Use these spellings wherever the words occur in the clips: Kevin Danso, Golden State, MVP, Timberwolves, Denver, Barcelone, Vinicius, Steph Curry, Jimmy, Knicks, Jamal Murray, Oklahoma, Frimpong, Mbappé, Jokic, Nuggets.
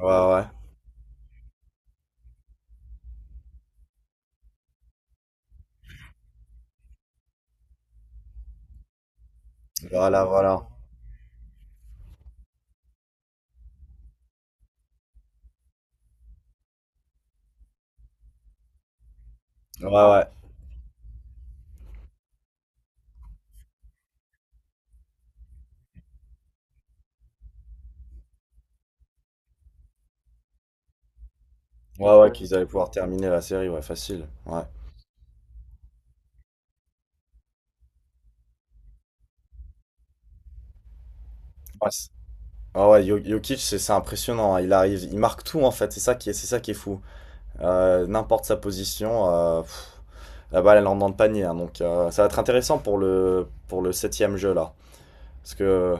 Ouais, ouais. Voilà, voilà. Ouais, ouais. Ouais, ouais, qu'ils allaient pouvoir terminer la série, ouais, facile. Ouais. Ouais, c'est- ouais, Jokic, c'est impressionnant, hein. Il arrive, il marque tout, en fait. C'est ça qui est fou. N'importe sa position, la balle, elle entre dans le panier, hein. Donc, ça va être intéressant pour le septième jeu, là. Parce que,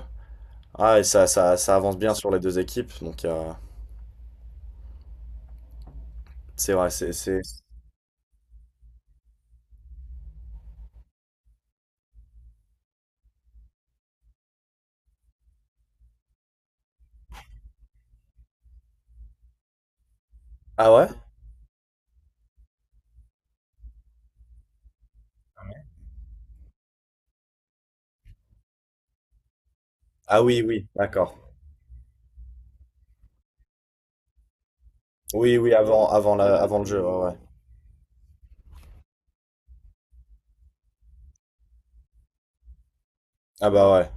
ah, et ça avance bien sur les deux équipes. Donc, c'est vrai. Ah ouais? Ah oui, oui, d'accord. Oui, oui, avant le jeu, ouais, ouais. Ah bah ouais.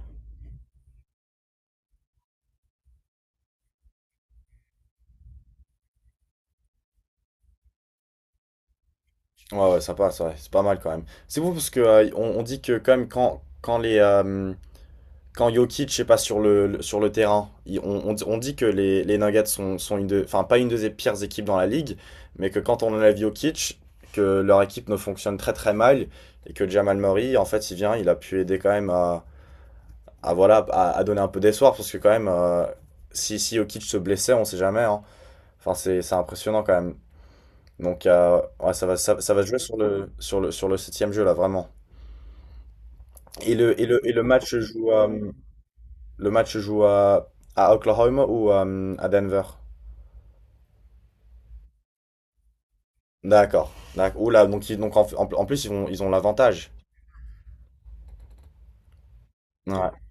Ouais, ouais, sympa, c'est vrai, c'est pas mal quand même. C'est vous parce que on dit que quand même quand Jokic est pas sur sur le terrain, on dit que les Nuggets sont une de, enfin pas une des pires équipes dans la ligue, mais que quand on enlève Jokic, que leur équipe ne fonctionne très très mal et que Jamal Murray, en fait, il vient, il a pu aider quand même à voilà, à donner un peu d'espoir parce que quand même si Jokic se blessait, on sait jamais, hein. Enfin c'est impressionnant quand même. Donc ouais, ça va se jouer sur le septième jeu là, vraiment. Et le match se joue, match se joue à, à Oklahoma ou à Denver? D'accord. D'accord. Oula, donc, donc en plus ils ont l'avantage. Ouais.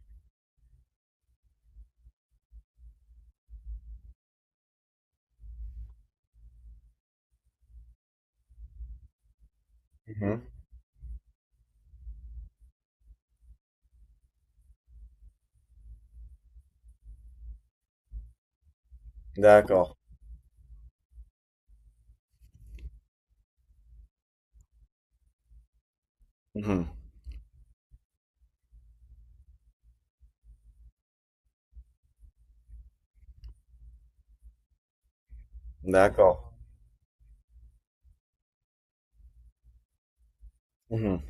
Mhm. D'accord. Mhm. D'accord. Mhm.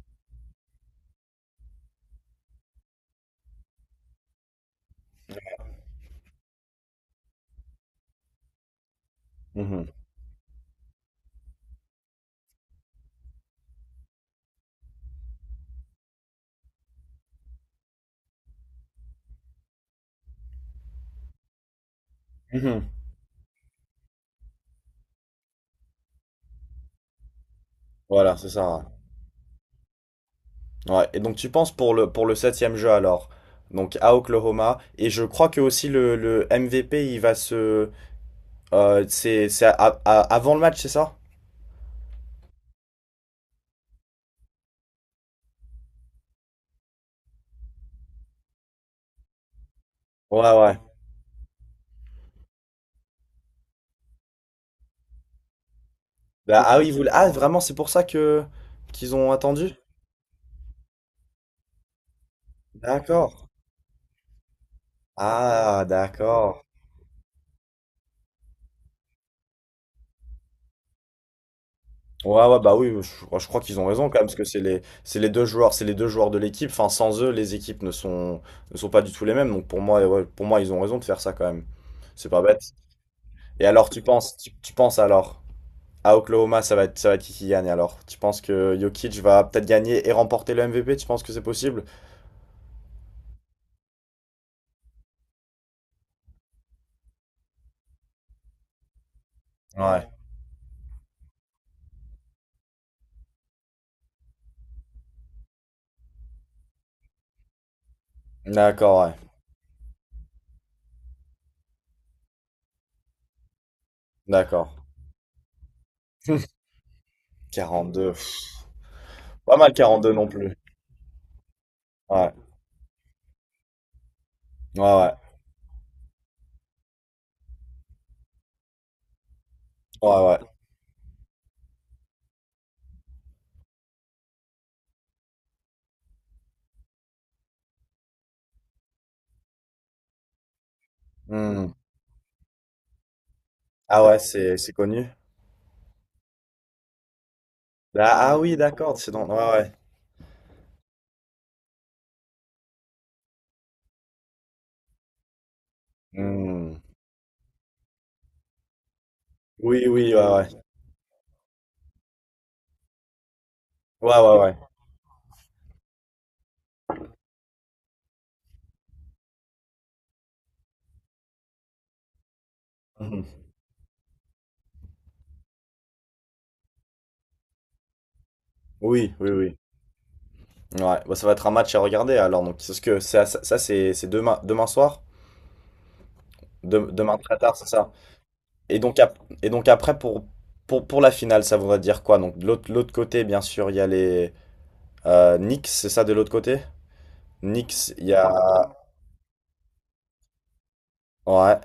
Mhm. Mhm. Voilà, c'est ça. Ouais. Et donc tu penses pour le septième jeu alors, donc à Oklahoma, et je crois que aussi le MVP il va se, euh, c'est, c'est à- avant le match, c'est ça? Ouais, ouais. Bah, ah oui, vous. Ah, vraiment, c'est pour ça que qu'ils ont attendu? D'accord. Ah, d'accord. Ouais, ouais, bah oui, je crois qu'ils ont raison quand même, parce que c'est les deux joueurs de l'équipe. Enfin, sans eux, les équipes ne sont pas du tout les mêmes. Donc pour moi, ouais, pour moi, ils ont raison de faire ça quand même. C'est pas bête. Et alors, tu penses alors, à Oklahoma, ça va être qui gagne alors? Tu penses que Jokic va peut-être gagner et remporter le MVP? Tu penses que c'est possible? Ouais. D'accord, ouais. D'accord. 42. Pas mal 42 non plus. Ouais. Ouais, ouais. Ouais, ouais. Hmm. Ah ouais, c'est connu. Ah, ah oui, d'accord, c'est dans. Ouais, ouais. Hmm. Oui, oui, ouais, ouais. Ouais, ouais, ouais. Mhm. Oui, oui, oui. Ouais, bah, ça va être un match à regarder alors. Donc, c'est ce que ça, c'est demain, demain soir? Demain très tard, c'est ça. Et donc, après, pour la finale, ça voudrait dire quoi? Donc, de l'autre côté, bien sûr, il y a les Knicks, c'est ça de l'autre côté? Knicks, il y a. Ouais.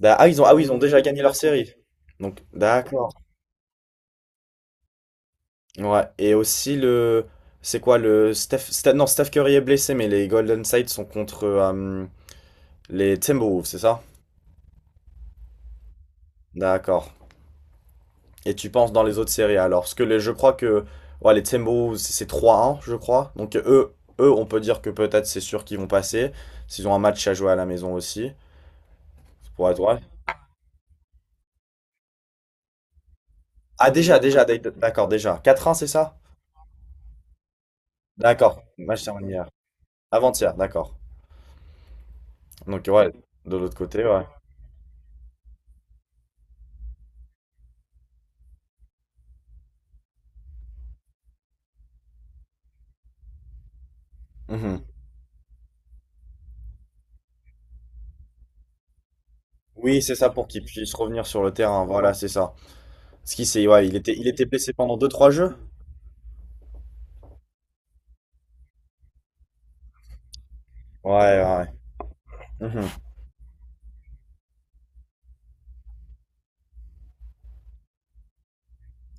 Ah, ah oui, ils ont déjà gagné leur série. Donc, d'accord. Ouais. Et aussi le. C'est quoi le. Non, Steph Curry est blessé, mais les Golden State sont contre les Timberwolves, c'est ça? D'accord. Et tu penses dans les autres séries alors? Parce que je crois que. Ouais, les Timberwolves, c'est 3-1 je crois. Donc, eux, on peut dire que peut-être c'est sûr qu'ils vont passer. S'ils ont un match à jouer à la maison aussi. Ça pourrait être vrai. Ah, d'accord, déjà. 4-1, c'est ça? D'accord. Match terminé hier. Avant-hier, d'accord. Donc ouais, de l'autre côté, ouais. Mhm. Oui, c'est ça pour qu'il puisse revenir sur le terrain, voilà, c'est ça. Ce qui c'est, ouais, il était blessé pendant deux trois jeux? Ouais, ouais. Mhm.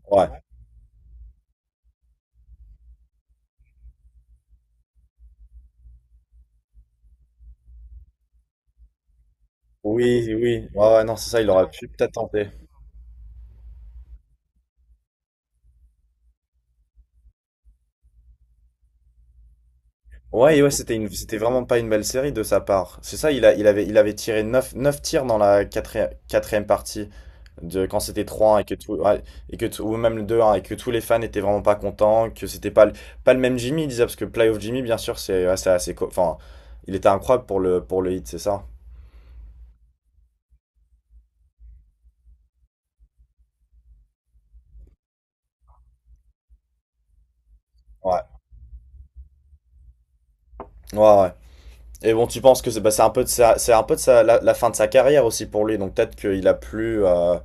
Ouais. Oui, oui. Ouais, ouais, non, c'est ça, il aurait pu peut-être tenter. Ouais, et ouais, c'était vraiment pas une belle série de sa part. C'est ça, il avait tiré neuf tirs dans la quatrième partie de quand c'était trois 1 et que tout, ouais, ou même le 2-1 et que tous les fans étaient vraiment pas contents, que c'était pas le même Jimmy, il disait, parce que Playoff Jimmy, bien sûr, c'est assez, enfin, il était incroyable pour le hit, c'est ça? Ouais. Ouais, ouais. Et bon, tu penses que c'est un peu de sa, la fin de sa carrière aussi pour lui, donc peut-être qu'il a plus,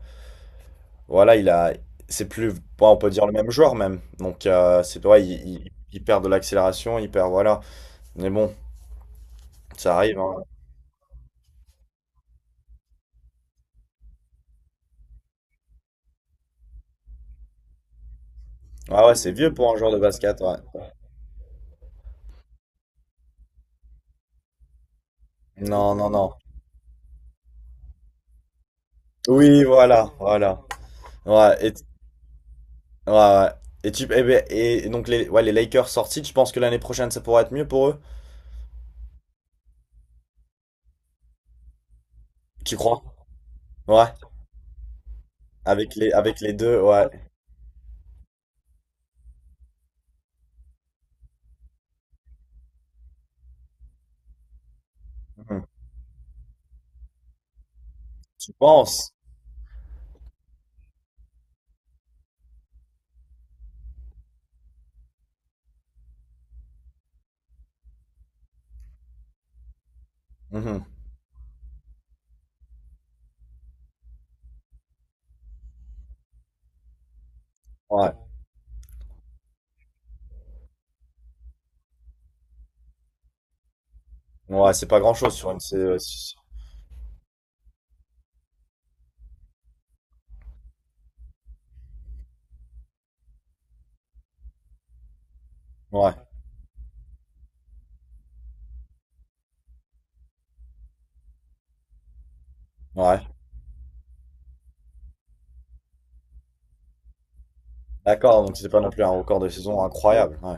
voilà, il a, c'est plus, bon, on peut dire le même joueur même. Donc c'est, ouais, il perd de l'accélération, il perd, voilà. Mais bon, ça arrive, hein. Ah ouais, c'est vieux pour un joueur de basket, ouais. Non, non, non. Oui, voilà, voilà. Ouais, et, ouais, ouais. Eh ben, et donc les, ouais, les Lakers sortis, tu penses que l'année prochaine ça pourrait être mieux pour eux? Tu crois? Ouais, avec les deux, ouais. Mhm. Tu penses? Mhm. Ouais, ouais, c'est pas grand-chose sur une, c'est, ouais, ouais. D'accord, donc c'était pas non plus un record de saison incroyable. Ouais,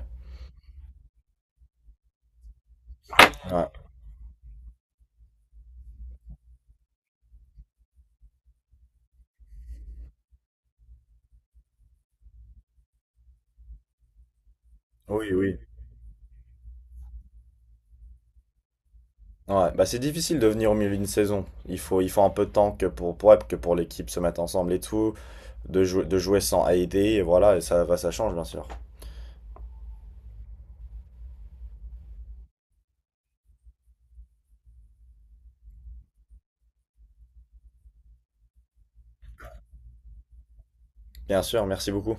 ouais. Oui, oui. Ouais, bah c'est difficile de venir au milieu d'une saison. Il faut un peu de temps que pour, ouais, que pour l'équipe se mette ensemble et tout, de jouer sans aider, et voilà, et ça, va ça change bien sûr. Bien sûr, merci beaucoup.